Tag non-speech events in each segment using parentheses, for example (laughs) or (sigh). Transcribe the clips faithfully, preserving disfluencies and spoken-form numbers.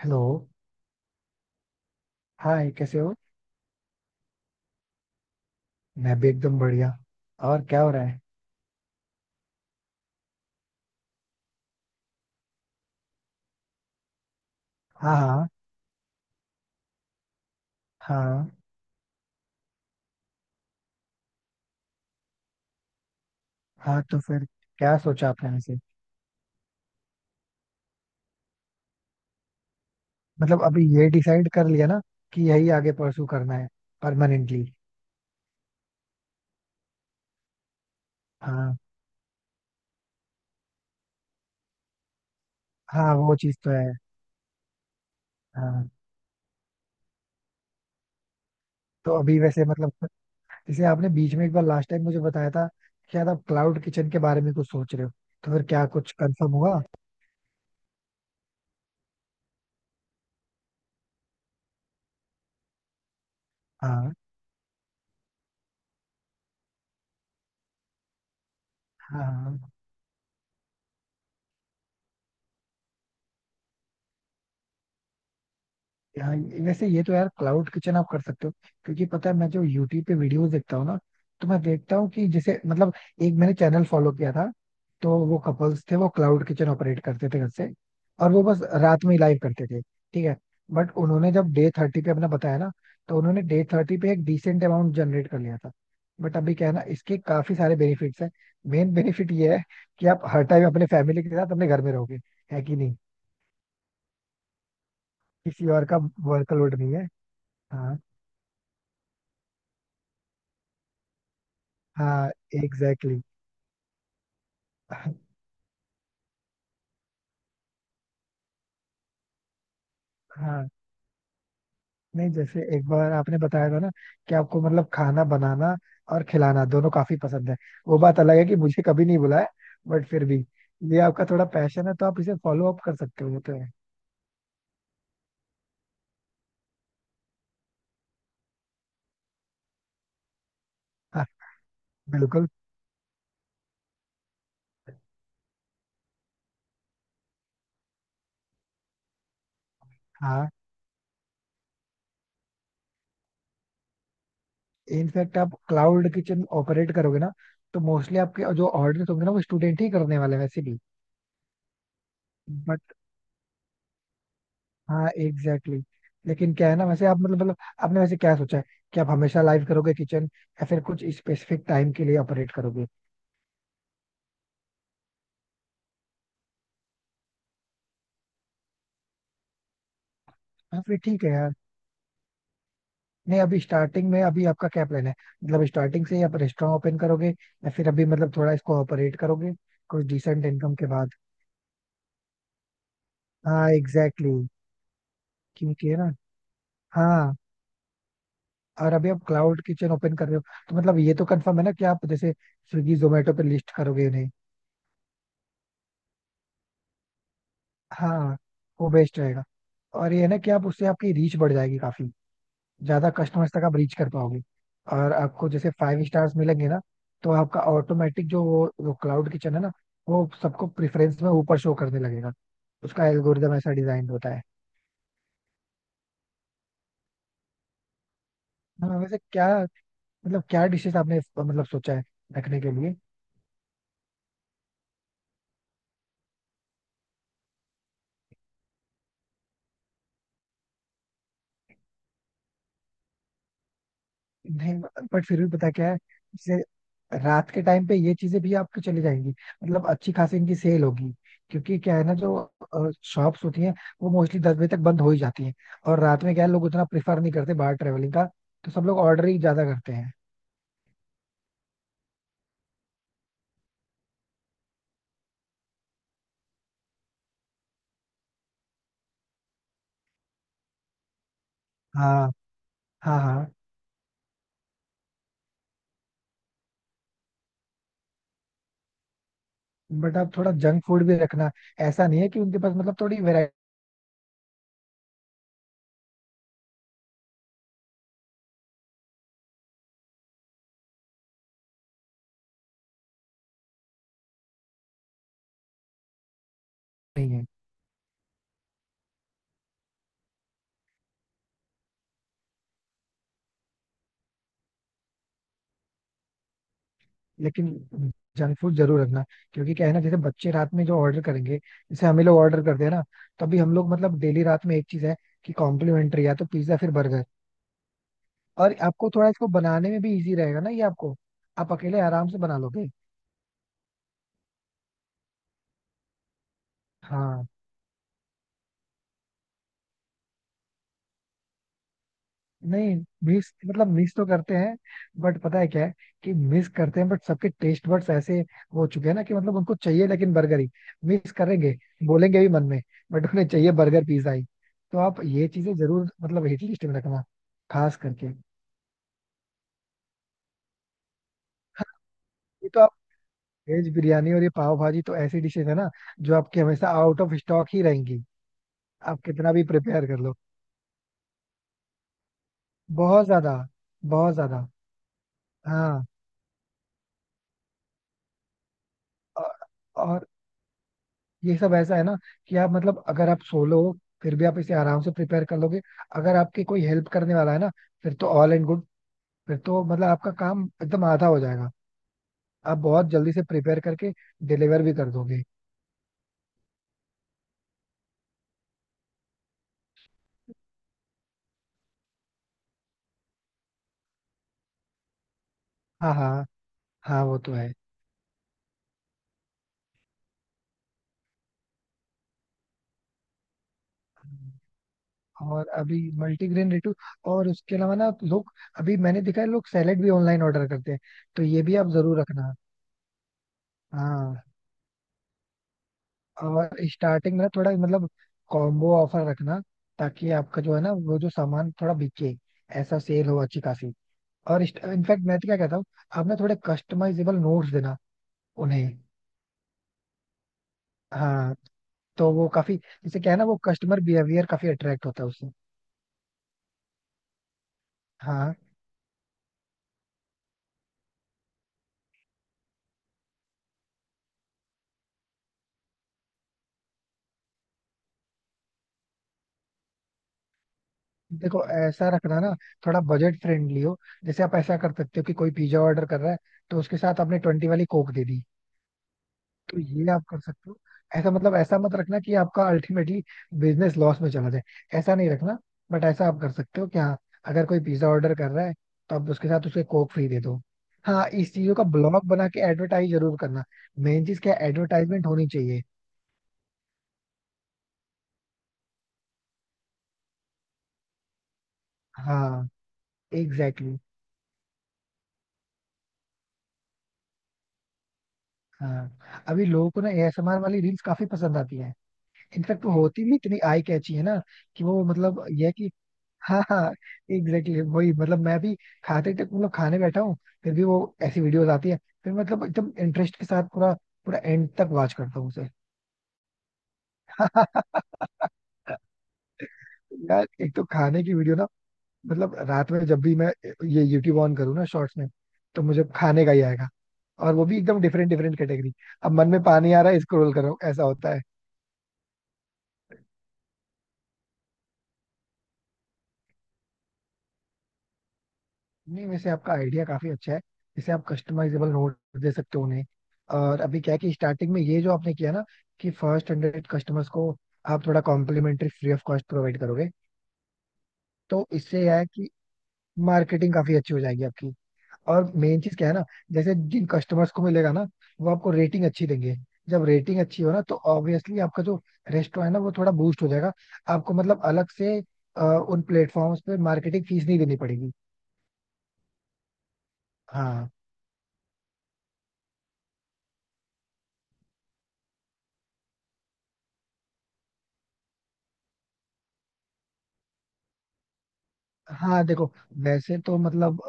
Hello. Hi, कैसे हो? मैं भी एकदम बढ़िया। और क्या हो रहा है? हाँ, हाँ। हाँ। हाँ, तो फिर क्या सोचा आपने वैसे? मतलब अभी ये डिसाइड कर लिया ना, कि यही आगे परसू करना है? परमानेंटली? हाँ, हाँ। वो चीज तो है। हाँ, तो अभी वैसे मतलब, जैसे आपने बीच में एक बार लास्ट टाइम मुझे बताया था कि शायद आप क्लाउड किचन के बारे में कुछ सोच रहे हो, तो फिर क्या कुछ कंफर्म हुआ? हाँ, हाँ, हाँ। हाँ, वैसे ये तो यार क्लाउड किचन आप कर सकते हो, क्योंकि पता है मैं जो यूट्यूब पे वीडियोस देखता हूँ ना, तो मैं देखता हूँ कि जैसे मतलब एक मैंने चैनल फॉलो किया था, तो वो कपल्स थे, वो क्लाउड किचन ऑपरेट करते थे घर से, और वो बस रात में ही लाइव करते थे, ठीक है। बट उन्होंने जब डे थर्टी पे अपना बताया ना, तो उन्होंने डे थर्टी पे एक डिसेंट अमाउंट जनरेट कर लिया था। बट अभी क्या है ना, इसके काफी सारे बेनिफिट्स हैं। मेन बेनिफिट ये है कि आप हर टाइम अपने फैमिली के साथ अपने घर में रहोगे, है कि नहीं? किसी और का वर्कलोड नहीं है। हाँ। हाँ, एग्जैक्टली exactly. हाँ, नहीं, जैसे एक बार आपने बताया था ना कि आपको मतलब खाना बनाना और खिलाना दोनों काफी पसंद है। वो बात अलग है कि मुझे कभी नहीं बुलाया, बट फिर भी ये आपका थोड़ा पैशन है, तो आप इसे फॉलो अप कर सकते हो, ये तो है। हाँ, बिल्कुल। हाँ, इनफैक्ट आप क्लाउड किचन ऑपरेट करोगे ना, तो मोस्टली आपके जो ऑर्डर होंगे ना वो स्टूडेंट ही करने वाले हैं वैसे भी। बट हाँ, एग्जैक्टली exactly. लेकिन क्या है ना, वैसे आप मतलब मतलब आपने वैसे क्या सोचा है, कि आप हमेशा लाइव करोगे किचन, या फिर कुछ स्पेसिफिक टाइम के लिए ऑपरेट करोगे? हाँ, फिर ठीक है यार। नहीं, अभी स्टार्टिंग में अभी आपका क्या प्लान है? मतलब स्टार्टिंग से ही आप रेस्टोरेंट ओपन करोगे, या फिर अभी मतलब थोड़ा इसको ऑपरेट करोगे? कुछ डिसेंट इनकम के बाद, हाँ एग्जैक्टली exactly. क्योंकि है ना, हाँ। और अभी आप क्लाउड किचन ओपन कर रहे हो, तो मतलब ये तो कंफर्म है ना कि आप जैसे स्विगी जोमेटो पे लिस्ट करोगे उन्हें। हाँ, वो बेस्ट रहेगा। और ये है ना कि आप उससे आपकी रीच बढ़ जाएगी काफी, ज्यादा कस्टमर्स तक आप रीच कर पाओगे। और आपको जैसे फाइव स्टार्स मिलेंगे ना, तो आपका ऑटोमेटिक जो वो क्लाउड किचन है ना, वो सबको प्रेफरेंस में ऊपर शो करने लगेगा। उसका एल्गोरिदम ऐसा डिजाइन होता है। हाँ, वैसे क्या मतलब, क्या डिशेस आपने मतलब सोचा है रखने के लिए? नहीं, बट फिर भी पता क्या है, जैसे रात के टाइम पे ये चीजें भी आपकी चली जाएंगी, मतलब अच्छी खासी इनकी सेल होगी। क्योंकि क्या है ना, जो शॉप्स होती हैं वो मोस्टली दस बजे तक बंद हो ही जाती हैं। और रात में क्या है, लोग उतना प्रेफर नहीं करते बाहर ट्रेवलिंग का, तो सब लोग ऑर्डर ही ज्यादा करते हैं। हाँ, हाँ, हाँ। बट आप थोड़ा जंक फूड भी रखना, ऐसा नहीं है कि उनके पास मतलब थोड़ी वेरायटी नहीं है। लेकिन जंक फूड जरूर रखना, क्योंकि क्या है ना जैसे बच्चे रात में जो ऑर्डर करेंगे, जैसे हम ही लोग ऑर्डर करते हैं ना, तो अभी हम लोग मतलब डेली रात में एक चीज है कि कॉम्प्लीमेंट्री या तो पिज्जा फिर बर्गर। और आपको थोड़ा इसको बनाने में भी इजी रहेगा ना ये आपको, आप अकेले आराम से बना लोगे। हाँ। नहीं, मिस मतलब मिस तो करते हैं, बट पता है क्या है कि मिस करते हैं, बट सबके टेस्ट बड्स ऐसे हो चुके हैं ना कि मतलब उनको चाहिए लेकिन बर्गर ही। मिस करेंगे, बोलेंगे भी मन में, बट उन्हें चाहिए बर्गर पिज्जा ही। तो आप ये चीजें जरूर मतलब हिट लिस्ट में रखना, खास करके। ये तो आप वेज बिरयानी और ये पाव भाजी तो ऐसी डिशेज है ना जो आपके हमेशा आउट ऑफ स्टॉक ही रहेंगी, आप कितना भी प्रिपेयर कर लो। बहुत ज्यादा, बहुत ज्यादा। हाँ, और, ये सब ऐसा है ना कि आप मतलब अगर आप सोलो हो, फिर भी आप इसे आराम से प्रिपेयर कर लोगे। अगर आपके कोई हेल्प करने वाला है ना, फिर तो ऑल एंड गुड, फिर तो मतलब आपका काम एकदम आधा हो जाएगा, आप बहुत जल्दी से प्रिपेयर करके डिलीवर भी कर दोगे। हाँ, हाँ, हाँ, वो तो है। और अभी मल्टीग्रेन रेटू, और उसके अलावा ना लोग, अभी मैंने देखा है लोग सैलेड भी ऑनलाइन ऑर्डर करते हैं, तो ये भी आप जरूर रखना। हाँ, और स्टार्टिंग में थोड़ा मतलब कॉम्बो ऑफर रखना, ताकि आपका जो है ना वो जो सामान थोड़ा बिके, ऐसा सेल हो अच्छी खासी। और इनफैक्ट मैं तो क्या कहता हूँ, आपने थोड़े कस्टमाइजेबल नोट्स देना उन्हें। हाँ, तो वो काफी जैसे क्या है ना, वो कस्टमर बिहेवियर काफी अट्रैक्ट होता है उससे। हाँ, देखो ऐसा रखना ना, थोड़ा बजट फ्रेंडली हो। जैसे आप ऐसा कर सकते हो कि कोई पिज्जा ऑर्डर कर रहा है, तो उसके साथ आपने ट्वेंटी वाली कोक दे दी। तो ये आप कर सकते हो, ऐसा मतलब ऐसा मत रखना कि आपका अल्टीमेटली बिजनेस लॉस में चला जाए, ऐसा नहीं रखना। बट ऐसा आप कर सकते हो कि हाँ, अगर कोई पिज्जा ऑर्डर कर रहा है, तो आप उसके साथ उसके कोक फ्री दे दो। हाँ, इस चीजों का ब्लॉग बना के एडवर्टाइज जरूर करना। मेन चीज क्या, एडवर्टाइजमेंट होनी चाहिए। हाँ एग्जैक्टली exactly, हाँ, अभी लोगों को ना एएसएमआर वाली रील्स काफी पसंद आती है। इनफैक्ट वो होती भी इतनी आई कैची है ना, कि वो मतलब ये है कि हाँ, हाँ, एग्जैक्टली वही मतलब मैं भी खाते तक मतलब खाने बैठा हूँ, फिर भी वो ऐसी वीडियोस आती है, फिर मतलब एकदम इंटरेस्ट के साथ पूरा पूरा एंड तक वॉच करता हूँ उसे। (laughs) यार एक तो खाने की वीडियो ना, मतलब रात में जब भी मैं ये यूट्यूब ऑन करूँ ना शॉर्ट्स में, तो मुझे खाने का ही आएगा, और वो भी एकदम डिफरेंट डिफरेंट कैटेगरी। अब मन में पानी आ रहा है, स्क्रॉल कर रहा हूँ, ऐसा होता है। नहीं, वैसे आपका आइडिया काफी अच्छा है, जैसे आप कस्टमाइजेबल नोट दे सकते हो उन्हें। और अभी क्या है कि स्टार्टिंग में ये जो आपने किया ना, कि फर्स्ट हंड्रेड कस्टमर्स को आप थोड़ा complimentary free of cost provide करोगे, तो इससे यह है कि मार्केटिंग काफी अच्छी हो जाएगी आपकी। और मेन चीज क्या है ना, जैसे जिन कस्टमर्स को मिलेगा ना, वो आपको रेटिंग अच्छी देंगे। जब रेटिंग अच्छी हो ना, तो ऑब्वियसली आपका जो रेस्टोरेंट है ना वो थोड़ा बूस्ट हो जाएगा, आपको मतलब अलग से अ, उन प्लेटफॉर्म्स पे मार्केटिंग फीस नहीं देनी पड़ेगी। हाँ, हाँ, देखो वैसे तो मतलब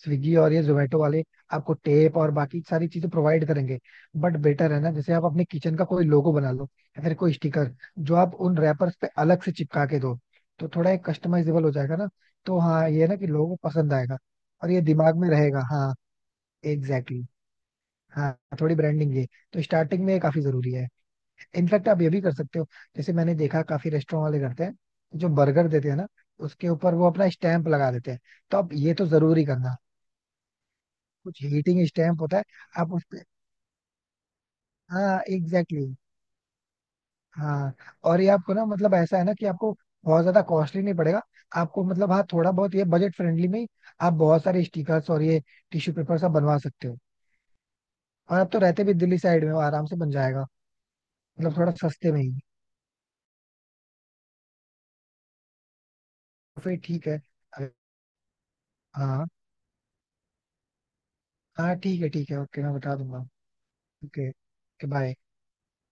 स्विगी और ये जोमेटो वाले आपको टेप और बाकी सारी चीजें प्रोवाइड करेंगे। बट बेटर है ना, जैसे आप अपने किचन का कोई लोगो बना लो, या फिर कोई स्टिकर जो आप उन रैपर्स पे अलग से चिपका के दो, तो थोड़ा एक कस्टमाइजेबल हो जाएगा ना। तो हाँ ये है ना कि लोगों को पसंद आएगा, और ये दिमाग में रहेगा। हाँ एग्जैक्टली exactly, हाँ, थोड़ी ब्रांडिंग ये, तो स्टार्टिंग में ये काफी जरूरी है। इनफैक्ट आप ये भी कर सकते हो, जैसे मैंने देखा काफी रेस्टोरेंट वाले करते हैं, जो बर्गर देते हैं ना, उसके ऊपर वो अपना स्टैंप लगा देते हैं। तो आप ये तो जरूरी करना, कुछ हीटिंग स्टैंप होता है, आप उस पे। हाँ एग्जैक्टली exactly, हाँ। और ये आपको ना मतलब ऐसा है ना कि आपको बहुत ज्यादा कॉस्टली नहीं पड़ेगा। आपको मतलब हाँ, थोड़ा बहुत ये बजट फ्रेंडली में ही आप बहुत सारे स्टिकर्स और ये टिश्यू पेपर सब बनवा सकते हो। और आप तो रहते भी दिल्ली साइड में हो, आराम से बन जाएगा, मतलब थोड़ा सस्ते में ही। तो फिर ठीक है। अगर- हाँ, हाँ, ठीक है, ठीक है, ओके, मैं बता दूंगा। Okay, bye.